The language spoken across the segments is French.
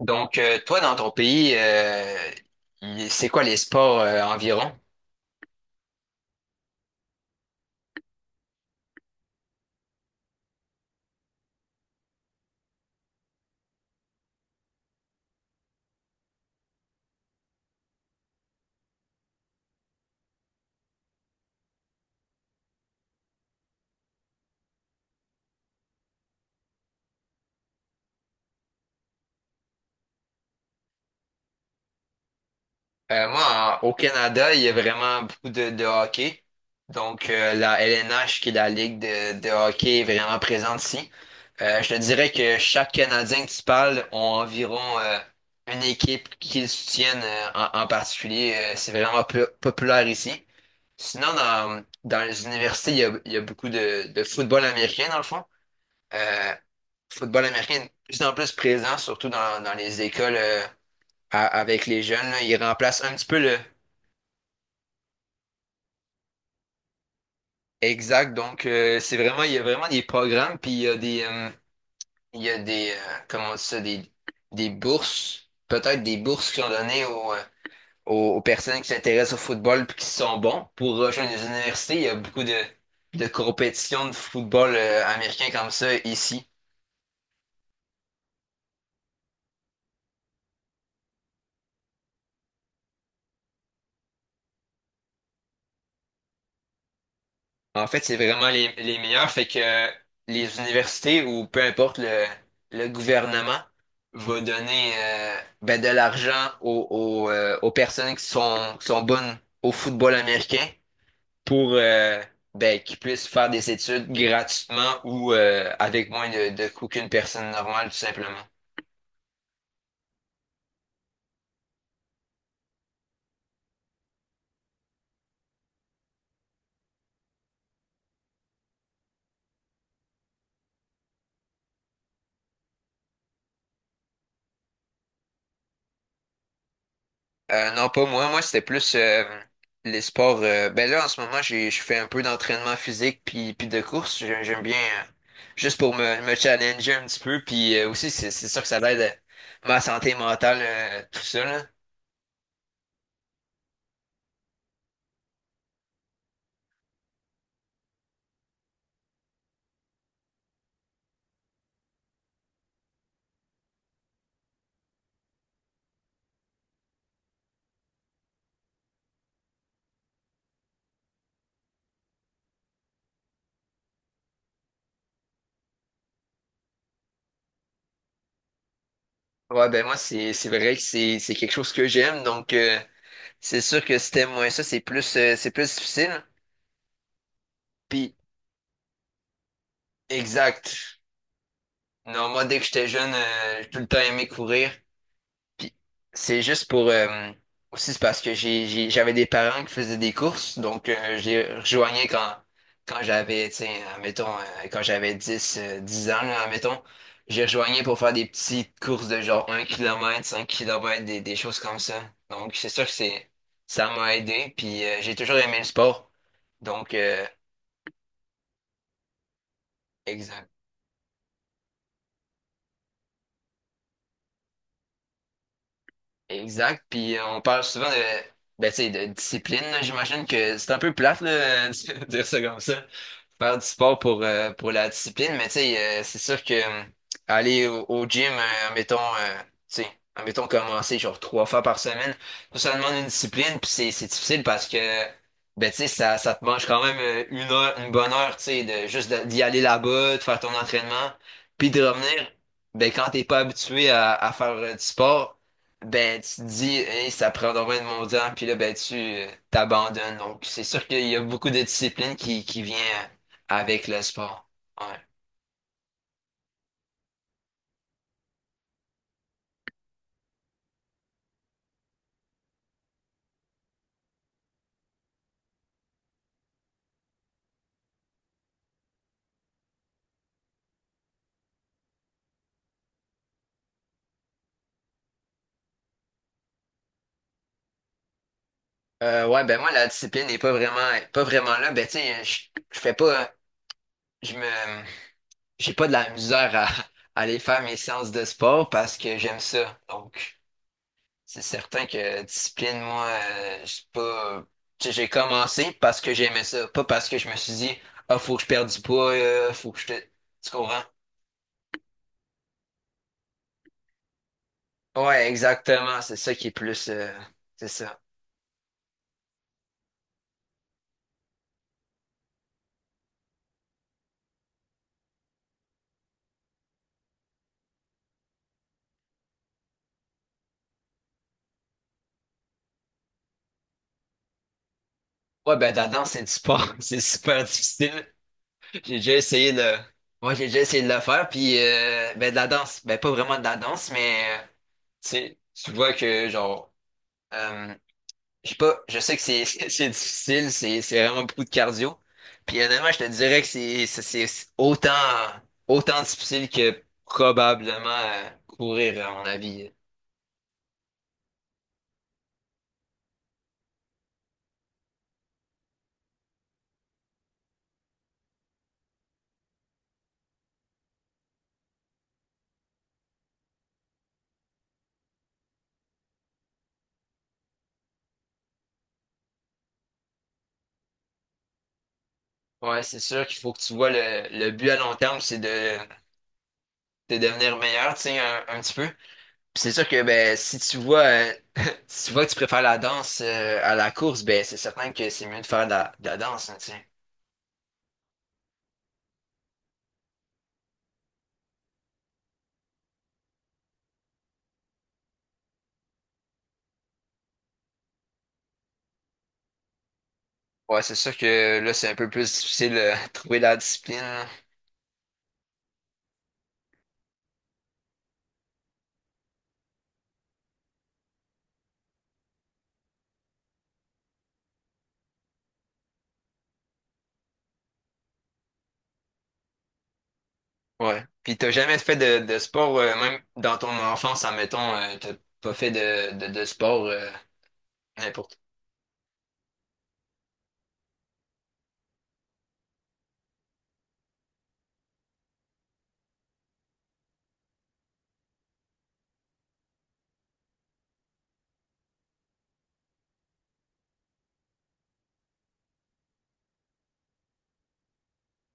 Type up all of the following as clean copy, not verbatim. Toi, dans ton pays, c'est quoi les sports environ? Au Canada, il y a vraiment beaucoup de hockey. La LNH, qui est la ligue de hockey, est vraiment présente ici. Je te dirais que chaque Canadien que tu parles ont environ une équipe qu'ils soutiennent en particulier. C'est vraiment populaire ici. Sinon, dans les universités, il y a beaucoup de football américain, dans le fond. Euh, Football américain est de plus en plus présent, surtout dans les écoles avec les jeunes. Là. Il remplace un petit peu le exact. C'est vraiment, il y a vraiment des programmes, puis il y a des, comment on dit ça, des bourses, peut-être des bourses qui sont données aux personnes qui s'intéressent au football puis qui sont bons pour rejoindre les universités. Il y a beaucoup de compétitions de football américain comme ça ici. En fait, c'est vraiment les meilleurs. Fait que les universités ou peu importe le gouvernement va donner ben, de l'argent aux personnes qui sont bonnes au football américain pour ben, qu'ils puissent faire des études gratuitement ou avec moins de coûts qu'une personne normale, tout simplement. Non, pas moi. Moi, c'était plus les sports. Ben là, en ce moment, je fais un peu d'entraînement physique puis de course. J'aime bien juste pour me challenger un petit peu. Puis aussi, c'est sûr que ça aide ma santé mentale, tout ça, là. Ouais, ben moi, c'est vrai que c'est quelque chose que j'aime. Donc, c'est sûr que si t'aimes moins ça, c'est plus difficile. Puis, exact. Non, moi, dès que j'étais jeune, j'ai tout le temps aimé courir. Puis c'est juste pour aussi c'est parce que j'avais des parents qui faisaient des courses, donc j'ai rejoigné quand j'avais, tiens admettons, quand j'avais 10 10 ans, là, admettons, j'ai rejoigné pour faire des petites courses de genre un kilomètre 5 kilomètres des choses comme ça. Donc c'est sûr que c'est ça m'a aidé, puis j'ai toujours aimé le sport. Donc exact. Exact. Puis on parle souvent de ben, tu sais, de discipline, là. J'imagine que c'est un peu plate là, de dire ça comme ça. Faire du sport pour la discipline, mais tu sais, c'est sûr que aller au gym, tu sais, admettons commencer genre trois fois par semaine, ça demande une discipline, puis c'est difficile parce que, ben tu sais, ça te mange quand même une heure, une bonne heure, tu sais, de d'y aller là-bas, de faire ton entraînement, puis de revenir, ben quand t'es pas habitué à faire du sport. Ben, tu te dis, hey, ça prend donc bien de mon temps, puis là, ben, tu t'abandonnes. Donc, c'est sûr qu'il y a beaucoup de discipline qui vient avec le sport. Ouais. Ouais, ben moi, la discipline n'est pas vraiment, pas vraiment là. Ben, tu sais, je fais pas, je me, j'ai pas de la misère à aller faire mes séances de sport parce que j'aime ça. Donc, c'est certain que discipline, moi, je suis pas, tu sais, j'ai commencé parce que j'aimais ça, pas parce que je me suis dit, ah, faut que je perde du poids, faut que je te, tu comprends? Ouais, exactement. C'est ça qui est plus, c'est ça. Ouais, ben, la danse, c'est du sport. C'est super difficile. J'ai déjà essayé de… Moi, j'ai déjà essayé de le faire, puis ben, de la danse. Ben, pas vraiment de la danse, mais tu sais, tu vois que, genre, euh, je sais pas, je sais que c'est c'est difficile, c'est vraiment beaucoup de cardio. Puis honnêtement, je te dirais que c'est autant, autant difficile que probablement courir, à mon avis. Ouais, c'est sûr qu'il faut que tu vois le but à long terme, c'est de devenir meilleur, tu sais, un petit peu. Puis c'est sûr que ben si tu vois si tu vois que tu préfères la danse à la course, ben c'est certain que c'est mieux de faire de de la danse, hein, tu sais. Ouais, c'est sûr que là, c'est un peu plus difficile de trouver la discipline. Là. Ouais. Puis t'as jamais fait de sport, même dans ton enfance, admettons, t'as pas fait de sport n'importe.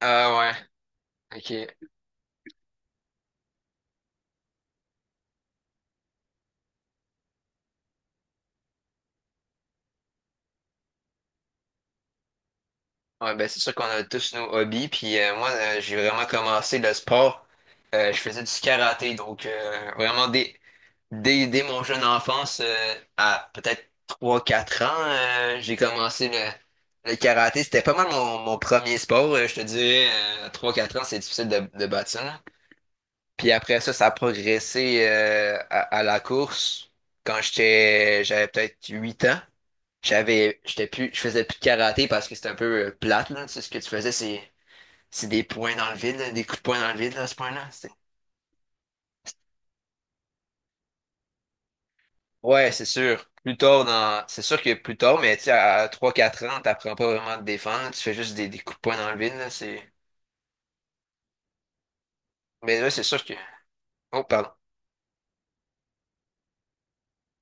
Ah ouais, ok. Ouais, ben c'est sûr qu'on a tous nos hobbies. Puis j'ai vraiment commencé le sport. Je faisais du karaté, donc dès, dès mon jeune enfance, à peut-être trois quatre ans, j'ai commencé le karaté. C'était pas mal mon premier sport, je te dirais. À 3-4 ans, c'est difficile de battre ça. Là. Puis après ça, ça a progressé à la course. J'avais peut-être 8 ans, j'étais plus, je faisais plus de karaté parce que c'était un peu plate, là. Tu sais, ce que tu faisais, c'est des points dans le vide, là, des coups de poing dans le vide, là, à ce point-là. Ouais, c'est sûr. C'est sûr que plus tard, mais tu sais, à trois quatre ans, t'apprends pas vraiment à te défendre, tu fais juste des coups de poing dans le vide, là, c'est… Mais là, c'est sûr que… Oh, pardon.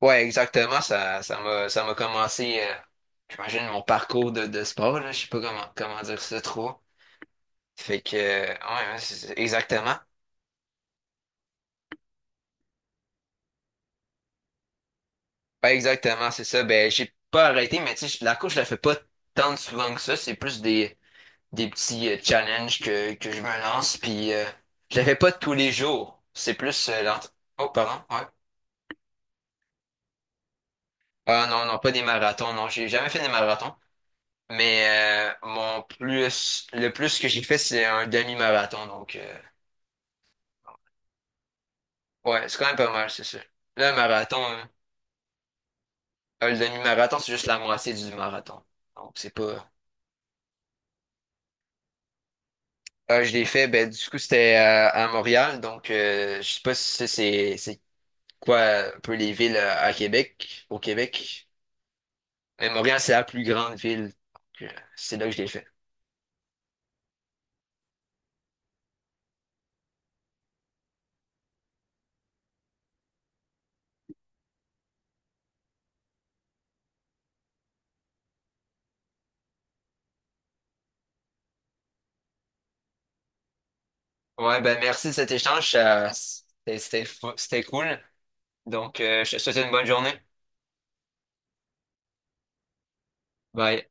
Ouais, exactement, ça m'a commencé, j'imagine, mon parcours de sport, là, je sais pas comment dire ça trop. Fait que, ouais, exactement. Ouais, exactement, c'est ça. Ben, j'ai pas arrêté, mais tu sais, je- la course, je la fais pas tant souvent que ça, c'est plus des… des petits challenges que je me lance, puis je la fais pas tous les jours. C'est plus l'entra- Oh, pardon, ouais. Ah non, non, pas des marathons, non, j'ai jamais fait des marathons. Mais le plus que j'ai fait, c'est un demi-marathon, donc ouais, c'est quand même pas mal, c'est sûr. Là, un marathon, hein, le demi-marathon, c'est juste la moitié du marathon. Donc c'est pas. Ah, je l'ai fait, ben du coup c'était à Montréal, donc je sais pas si c'est quoi un peu les villes à Québec, au Québec. Mais Montréal, c'est la plus grande ville. C'est là que je l'ai fait. Ouais, ben merci de cet échange. C'était cool. Donc, je te souhaite une bonne journée. Bye.